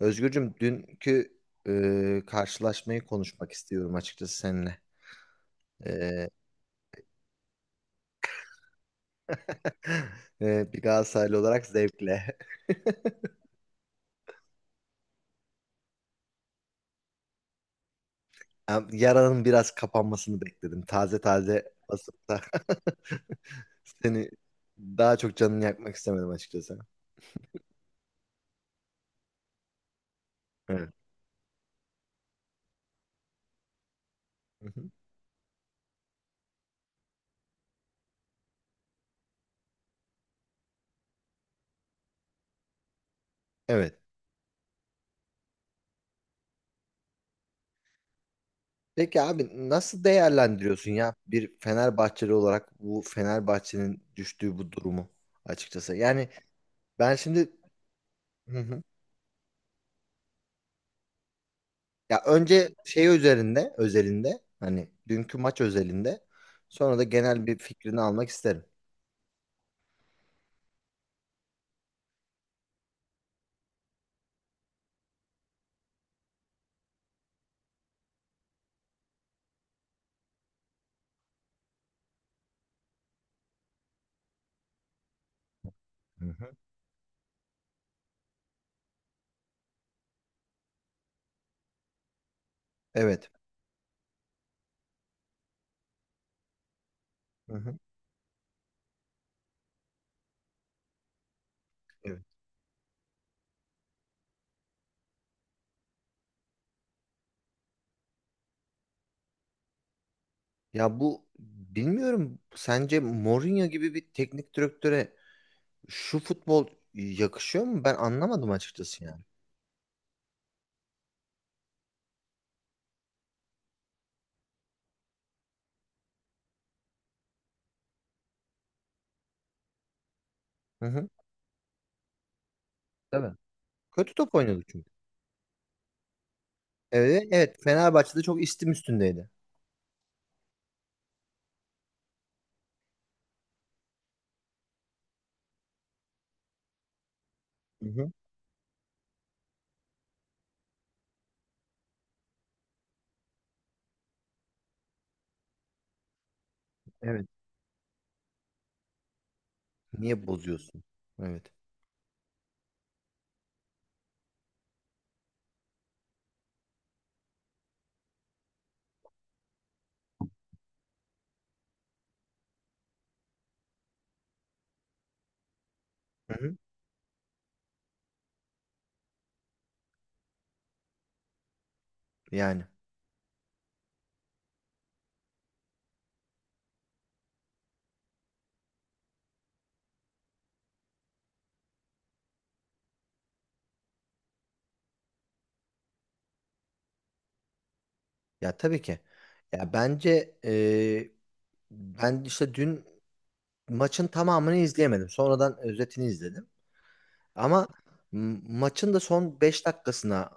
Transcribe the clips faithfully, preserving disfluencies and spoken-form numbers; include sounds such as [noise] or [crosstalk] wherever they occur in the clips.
Özgürcüm dünkü e, karşılaşmayı konuşmak istiyorum açıkçası seninle. E, [laughs] e, bir Galatasaraylı olarak zevkle. [laughs] Am- Yaranın biraz kapanmasını bekledim. Taze taze basıp da [laughs] seni daha çok canını yakmak istemedim açıkçası. Evet. Hı hı. Evet. Peki abi, nasıl değerlendiriyorsun ya bir Fenerbahçeli olarak bu Fenerbahçe'nin düştüğü bu durumu açıkçası? Yani ben şimdi. Ya önce şey üzerinde, özelinde, hani dünkü maç özelinde sonra da genel bir fikrini almak isterim. Hı hı. Evet. Hı hı. Evet. Ya bu, bilmiyorum, sence Mourinho gibi bir teknik direktöre şu futbol yakışıyor mu? Ben anlamadım açıkçası yani. Hı hı. Tabii. Kötü top oynadı çünkü. Evet, evet. Fenerbahçe'de çok istim üstündeydi. Hı hı. Evet. Niye bozuyorsun? Evet. Hı hı. Yani. Ya tabii ki. Ya bence e, ben işte dün maçın tamamını izleyemedim. Sonradan özetini izledim. Ama m- maçın da son beş dakikasına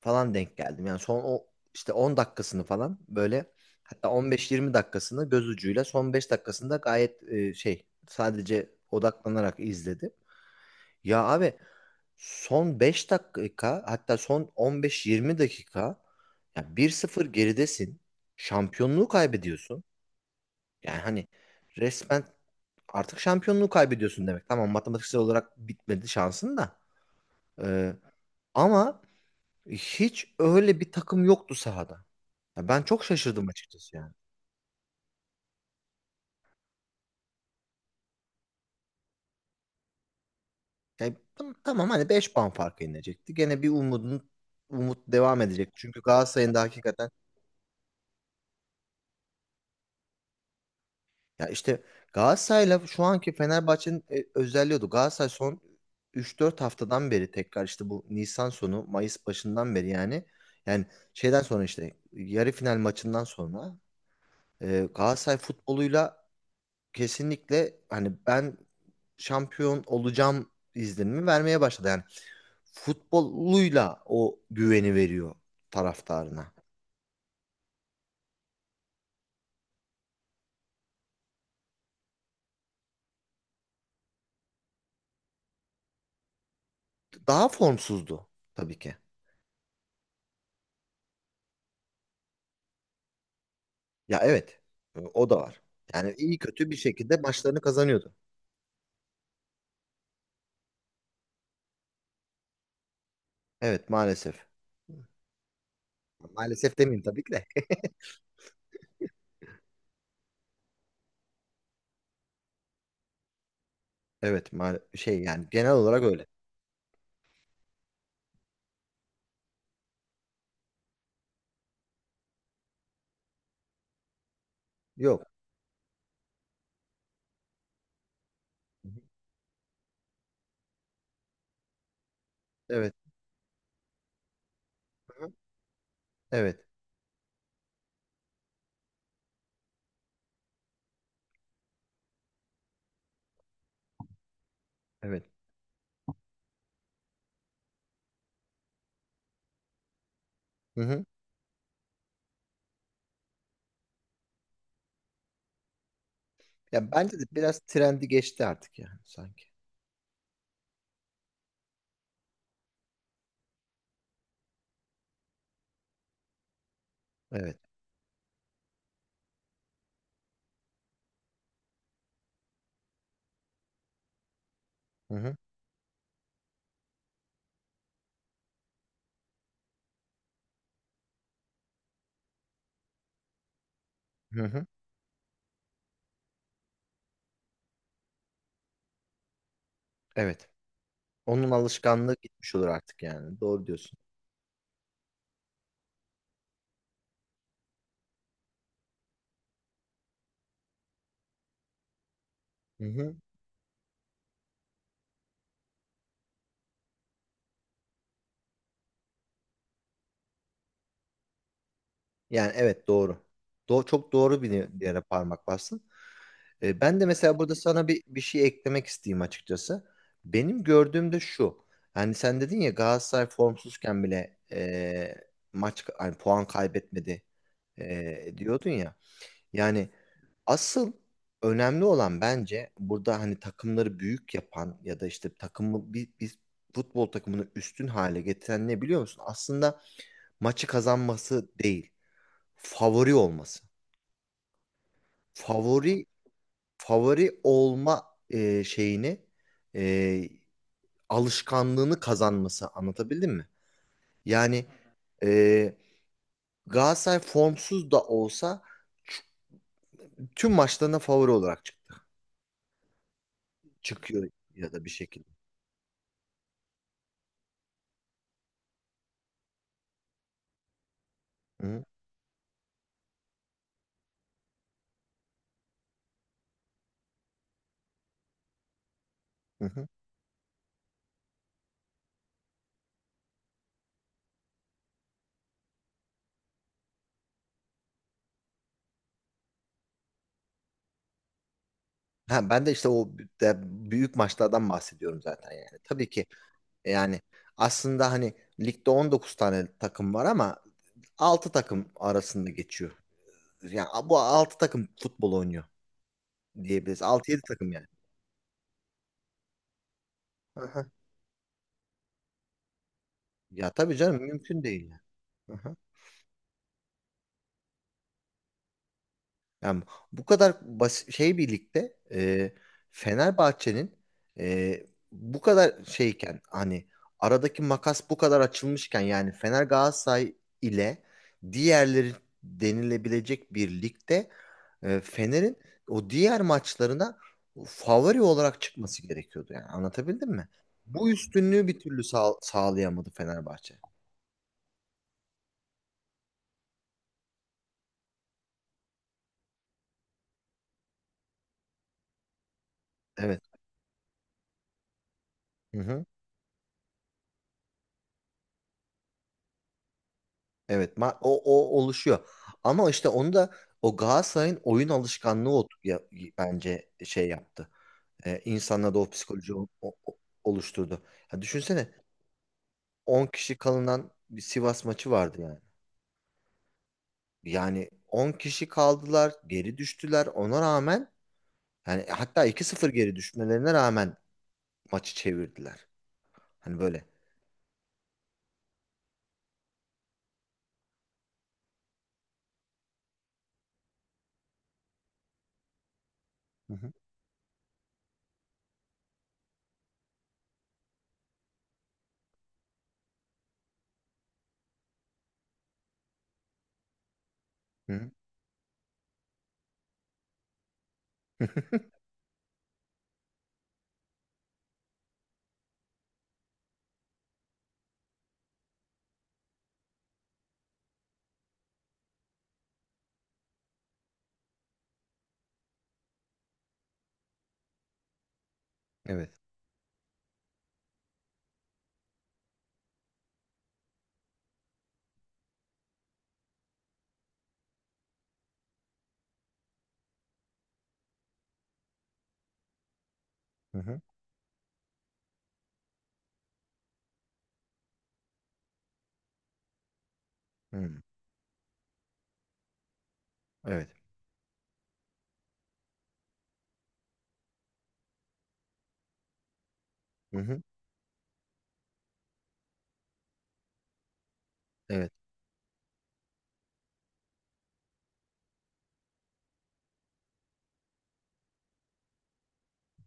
falan denk geldim. Yani son o işte on dakikasını falan, böyle, hatta on beş yirmi dakikasını göz ucuyla, son beş dakikasında gayet e, şey, sadece odaklanarak izledim. Ya abi, son beş dakika, hatta son on beş yirmi dakika, ya bir sıfır geridesin. Şampiyonluğu kaybediyorsun. Yani hani resmen artık şampiyonluğu kaybediyorsun demek. Tamam, matematiksel olarak bitmedi şansın da. Ee, ama hiç öyle bir takım yoktu sahada. Ya ben çok şaşırdım açıkçası yani. Yani tam- tamam, hani beş puan fark inecekti. Gene bir umudun umut devam edecek. Çünkü Galatasaray'ın da hakikaten. Ya işte Galatasaray'la şu anki Fenerbahçe'nin e, özelliği oydu. Galatasaray son üç dört haftadan beri, tekrar işte bu Nisan sonu Mayıs başından beri, yani yani şeyden sonra, işte yarı final maçından sonra, e, Galatasaray futboluyla kesinlikle hani ben şampiyon olacağım izlenimi vermeye başladı. Yani futboluyla o güveni veriyor taraftarına. Daha formsuzdu tabii ki. Ya evet. e, O da var. Yani iyi kötü bir şekilde maçlarını kazanıyordu. Evet, maalesef. Maalesef demeyeyim tabii ki de. [laughs] Evet, ma şey, yani genel olarak öyle. Yok. Hı hı. Evet. Hı hı. Evet. Evet. Hı hı. Ya bence de biraz trendi geçti artık yani, sanki. Evet. Hı hı. Hı hı. Evet. Onun alışkanlığı gitmiş olur artık yani. Doğru diyorsun. Hı hı. Yani evet, doğru. Do çok doğru bir yere parmak bastın. E, ben de mesela burada sana bir, bir şey eklemek isteyeyim açıkçası. Benim gördüğüm de şu. Hani sen dedin ya, Galatasaray formsuzken bile e, maç hani puan kaybetmedi e, diyordun ya. Yani asıl önemli olan, bence, burada hani takımları büyük yapan ya da işte takımı, bir, bir futbol takımını üstün hale getiren ne, biliyor musun? Aslında maçı kazanması değil, favori olması. Favori favori olma e, şeyini, e, alışkanlığını kazanması, anlatabildim mi? Yani e, Galatasaray formsuz da olsa ç- tüm maçlarına favori olarak çıktı. Çıkıyor ya da bir şekilde. Hı hı. Hı. Ha, ben de işte o de büyük maçlardan bahsediyorum zaten yani. Tabii ki e, yani, aslında hani ligde on dokuz tane takım var ama altı takım arasında geçiyor. Yani bu altı takım futbol oynuyor diyebiliriz. altı yedi takım yani. Aha, ya tabii canım, mümkün değil. Yani, aha. Yani bu kadar basit şey birlikte, e, Fenerbahçe'nin e, bu kadar şeyken, hani aradaki makas bu kadar açılmışken, yani Fener Galatasaray ile diğerleri denilebilecek bir ligde, e, Fener'in o diğer maçlarına favori olarak çıkması gerekiyordu, yani anlatabildim mi? Bu üstünlüğü bir türlü sağ- sağlayamadı Fenerbahçe. Evet. Hı hı. Evet, ma- o, o oluşuyor. Ama işte onu da o Galatasaray'ın oyun alışkanlığı o, ya- bence şey yaptı. Ee, insanlarda o psikoloji o- o- oluşturdu. Ya düşünsene, on kişi kalınan bir Sivas maçı vardı yani. Yani on kişi kaldılar, geri düştüler. Ona rağmen, yani hatta iki sıfır geri düşmelerine rağmen, maçı çevirdiler. Hani böyle. Hı hı. Hı hı. [laughs] Evet. Hı hı. Hı. Evet. Hı hı. Evet.